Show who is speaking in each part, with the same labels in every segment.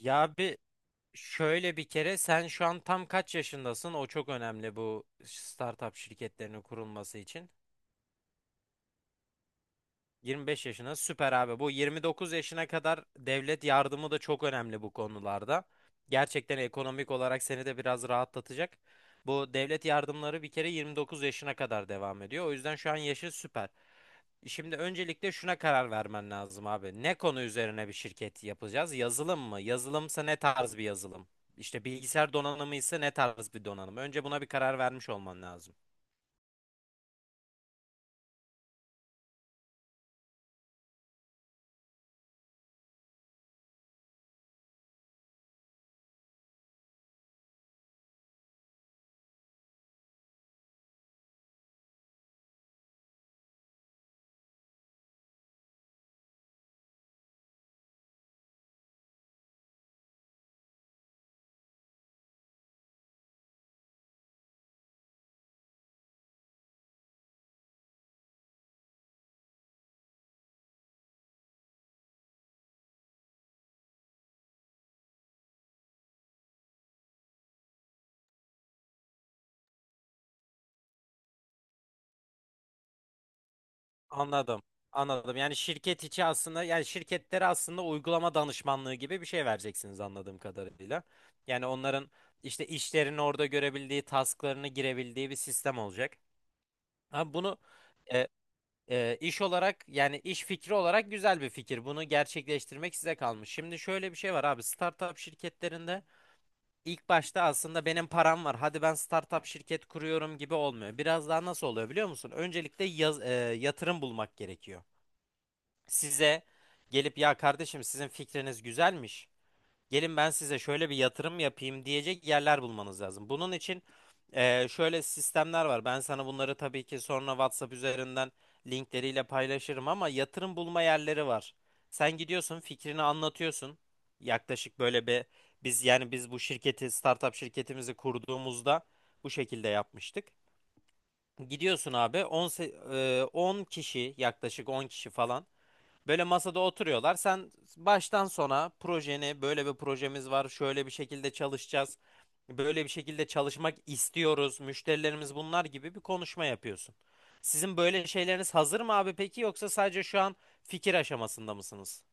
Speaker 1: Ya bir şöyle bir kere sen şu an tam kaç yaşındasın? O çok önemli bu startup şirketlerinin kurulması için. 25 yaşına süper abi. Bu 29 yaşına kadar devlet yardımı da çok önemli bu konularda. Gerçekten ekonomik olarak seni de biraz rahatlatacak. Bu devlet yardımları bir kere 29 yaşına kadar devam ediyor. O yüzden şu an yaşı süper. Şimdi öncelikle şuna karar vermen lazım abi. Ne konu üzerine bir şirket yapacağız? Yazılım mı? Yazılımsa ne tarz bir yazılım? İşte bilgisayar donanımı ise ne tarz bir donanım? Önce buna bir karar vermiş olman lazım. Anladım. Anladım. Yani şirket içi aslında yani şirketlere aslında uygulama danışmanlığı gibi bir şey vereceksiniz anladığım kadarıyla. Yani onların işte işlerini orada görebildiği, tasklarını girebildiği bir sistem olacak. Abi bunu e, iş olarak yani iş fikri olarak güzel bir fikir. Bunu gerçekleştirmek size kalmış. Şimdi şöyle bir şey var abi. Startup şirketlerinde ilk başta aslında benim param var. Hadi ben startup şirket kuruyorum gibi olmuyor. Biraz daha nasıl oluyor biliyor musun? Öncelikle yatırım bulmak gerekiyor. Size gelip ya kardeşim sizin fikriniz güzelmiş. Gelin ben size şöyle bir yatırım yapayım diyecek yerler bulmanız lazım. Bunun için şöyle sistemler var. Ben sana bunları tabii ki sonra WhatsApp üzerinden linkleriyle paylaşırım ama yatırım bulma yerleri var. Sen gidiyorsun, fikrini anlatıyorsun. Yaklaşık böyle bir biz yani biz bu şirketi, startup şirketimizi kurduğumuzda bu şekilde yapmıştık. Gidiyorsun abi 10 kişi, yaklaşık 10 kişi falan, böyle masada oturuyorlar. Sen baştan sona projeni böyle bir projemiz var. Şöyle bir şekilde çalışacağız. Böyle bir şekilde çalışmak istiyoruz. Müşterilerimiz bunlar gibi bir konuşma yapıyorsun. Sizin böyle şeyleriniz hazır mı abi peki, yoksa sadece şu an fikir aşamasında mısınız?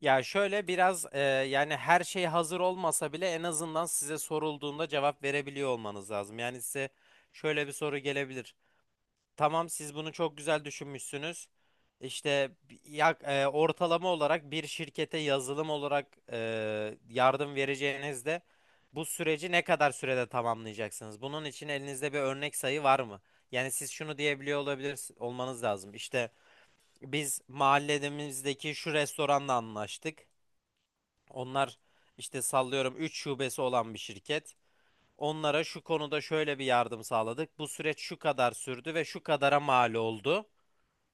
Speaker 1: Ya şöyle biraz yani her şey hazır olmasa bile en azından size sorulduğunda cevap verebiliyor olmanız lazım. Yani size şöyle bir soru gelebilir. Tamam, siz bunu çok güzel düşünmüşsünüz. İşte ortalama olarak bir şirkete yazılım olarak yardım vereceğinizde bu süreci ne kadar sürede tamamlayacaksınız? Bunun için elinizde bir örnek sayı var mı? Yani siz şunu diyebiliyor olabilir olmanız lazım. İşte biz mahallemizdeki şu restoranla anlaştık. Onlar işte sallıyorum 3 şubesi olan bir şirket. Onlara şu konuda şöyle bir yardım sağladık. Bu süreç şu kadar sürdü ve şu kadara mal oldu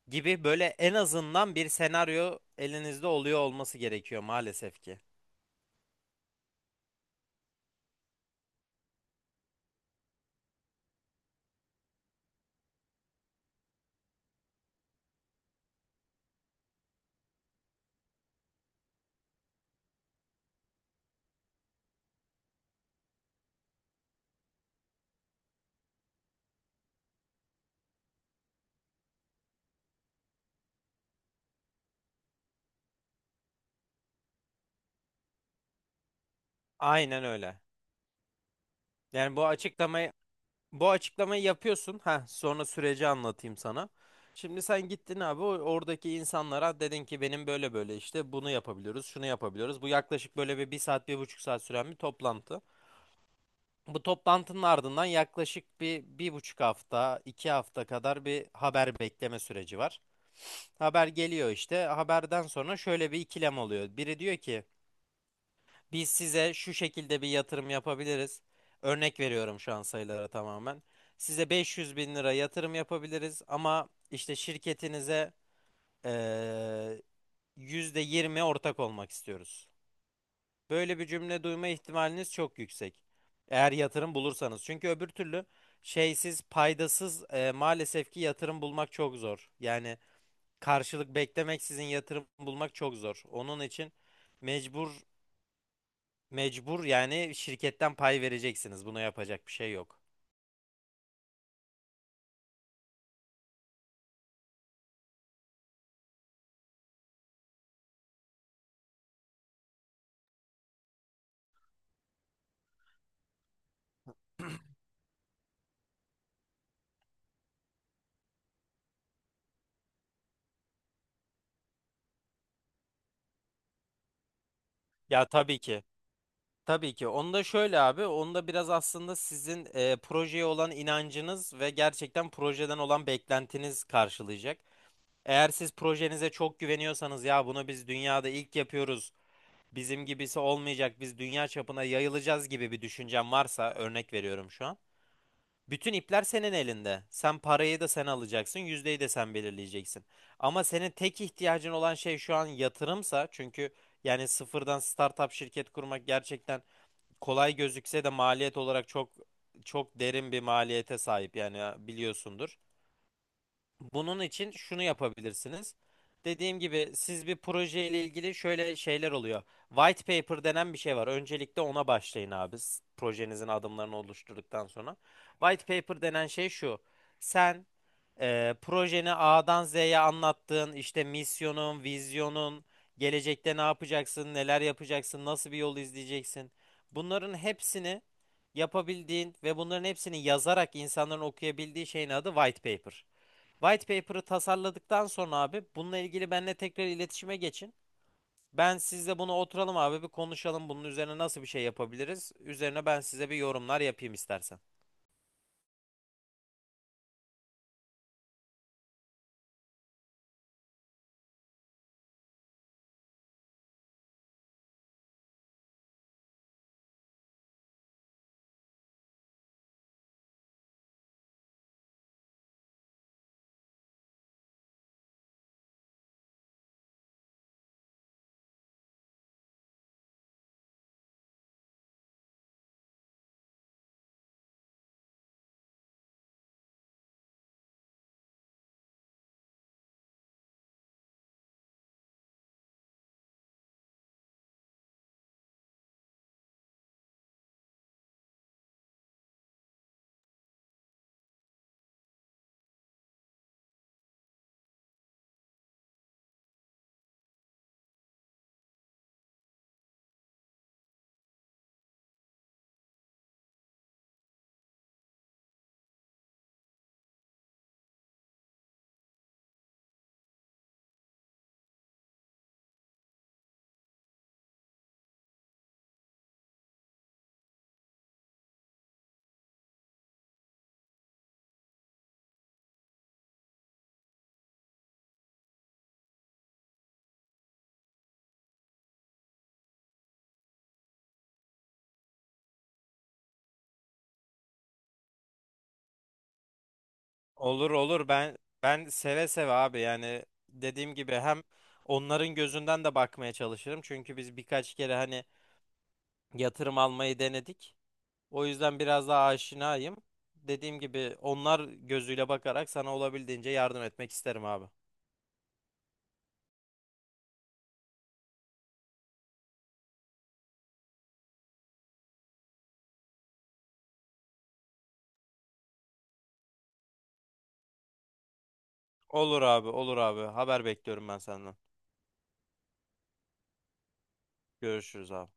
Speaker 1: gibi, böyle en azından bir senaryo elinizde oluyor olması gerekiyor maalesef ki. Aynen öyle. Yani bu açıklamayı bu açıklamayı yapıyorsun. Ha, sonra süreci anlatayım sana. Şimdi sen gittin abi oradaki insanlara dedin ki benim böyle böyle işte bunu yapabiliyoruz, şunu yapabiliyoruz. Bu yaklaşık böyle bir saat, bir buçuk saat süren bir toplantı. Bu toplantının ardından yaklaşık bir, bir buçuk hafta, iki hafta kadar bir haber bekleme süreci var. Haber geliyor işte. Haberden sonra şöyle bir ikilem oluyor. Biri diyor ki biz size şu şekilde bir yatırım yapabiliriz. Örnek veriyorum şu an sayılara tamamen. Size 500 bin lira yatırım yapabiliriz ama işte şirketinize eee %20 ortak olmak istiyoruz. Böyle bir cümle duyma ihtimaliniz çok yüksek. Eğer yatırım bulursanız. Çünkü öbür türlü şeysiz, paydasız maalesef ki yatırım bulmak çok zor. Yani karşılık beklemeksizin yatırım bulmak çok zor. Onun için mecbur mecbur yani şirketten pay vereceksiniz. Buna yapacak bir şey yok. Ya tabii ki. Tabii ki. Onu da şöyle abi, onu da biraz aslında sizin projeye olan inancınız ve gerçekten projeden olan beklentiniz karşılayacak. Eğer siz projenize çok güveniyorsanız ya bunu biz dünyada ilk yapıyoruz. Bizim gibisi olmayacak. Biz dünya çapına yayılacağız gibi bir düşüncem varsa örnek veriyorum şu an. Bütün ipler senin elinde. Sen parayı da sen alacaksın, yüzdeyi de sen belirleyeceksin. Ama senin tek ihtiyacın olan şey şu an yatırımsa, çünkü yani sıfırdan startup şirket kurmak gerçekten kolay gözükse de maliyet olarak çok çok derin bir maliyete sahip, yani biliyorsundur. Bunun için şunu yapabilirsiniz. Dediğim gibi siz bir proje ile ilgili şöyle şeyler oluyor. White paper denen bir şey var. Öncelikle ona başlayın abi. Projenizin adımlarını oluşturduktan sonra. White paper denen şey şu. Sen projeni A'dan Z'ye anlattığın işte misyonun, vizyonun, gelecekte ne yapacaksın, neler yapacaksın, nasıl bir yol izleyeceksin. Bunların hepsini yapabildiğin ve bunların hepsini yazarak insanların okuyabildiği şeyin adı white paper. White paper'ı tasarladıktan sonra abi bununla ilgili benimle tekrar iletişime geçin. Ben sizle bunu oturalım abi bir konuşalım, bunun üzerine nasıl bir şey yapabiliriz. Üzerine ben size bir yorumlar yapayım istersen. Olur olur, ben seve seve abi, yani dediğim gibi hem onların gözünden de bakmaya çalışırım. Çünkü biz birkaç kere hani yatırım almayı denedik. O yüzden biraz daha aşinayım. Dediğim gibi onlar gözüyle bakarak sana olabildiğince yardım etmek isterim abi. Olur abi, olur abi. Haber bekliyorum ben senden. Görüşürüz abi.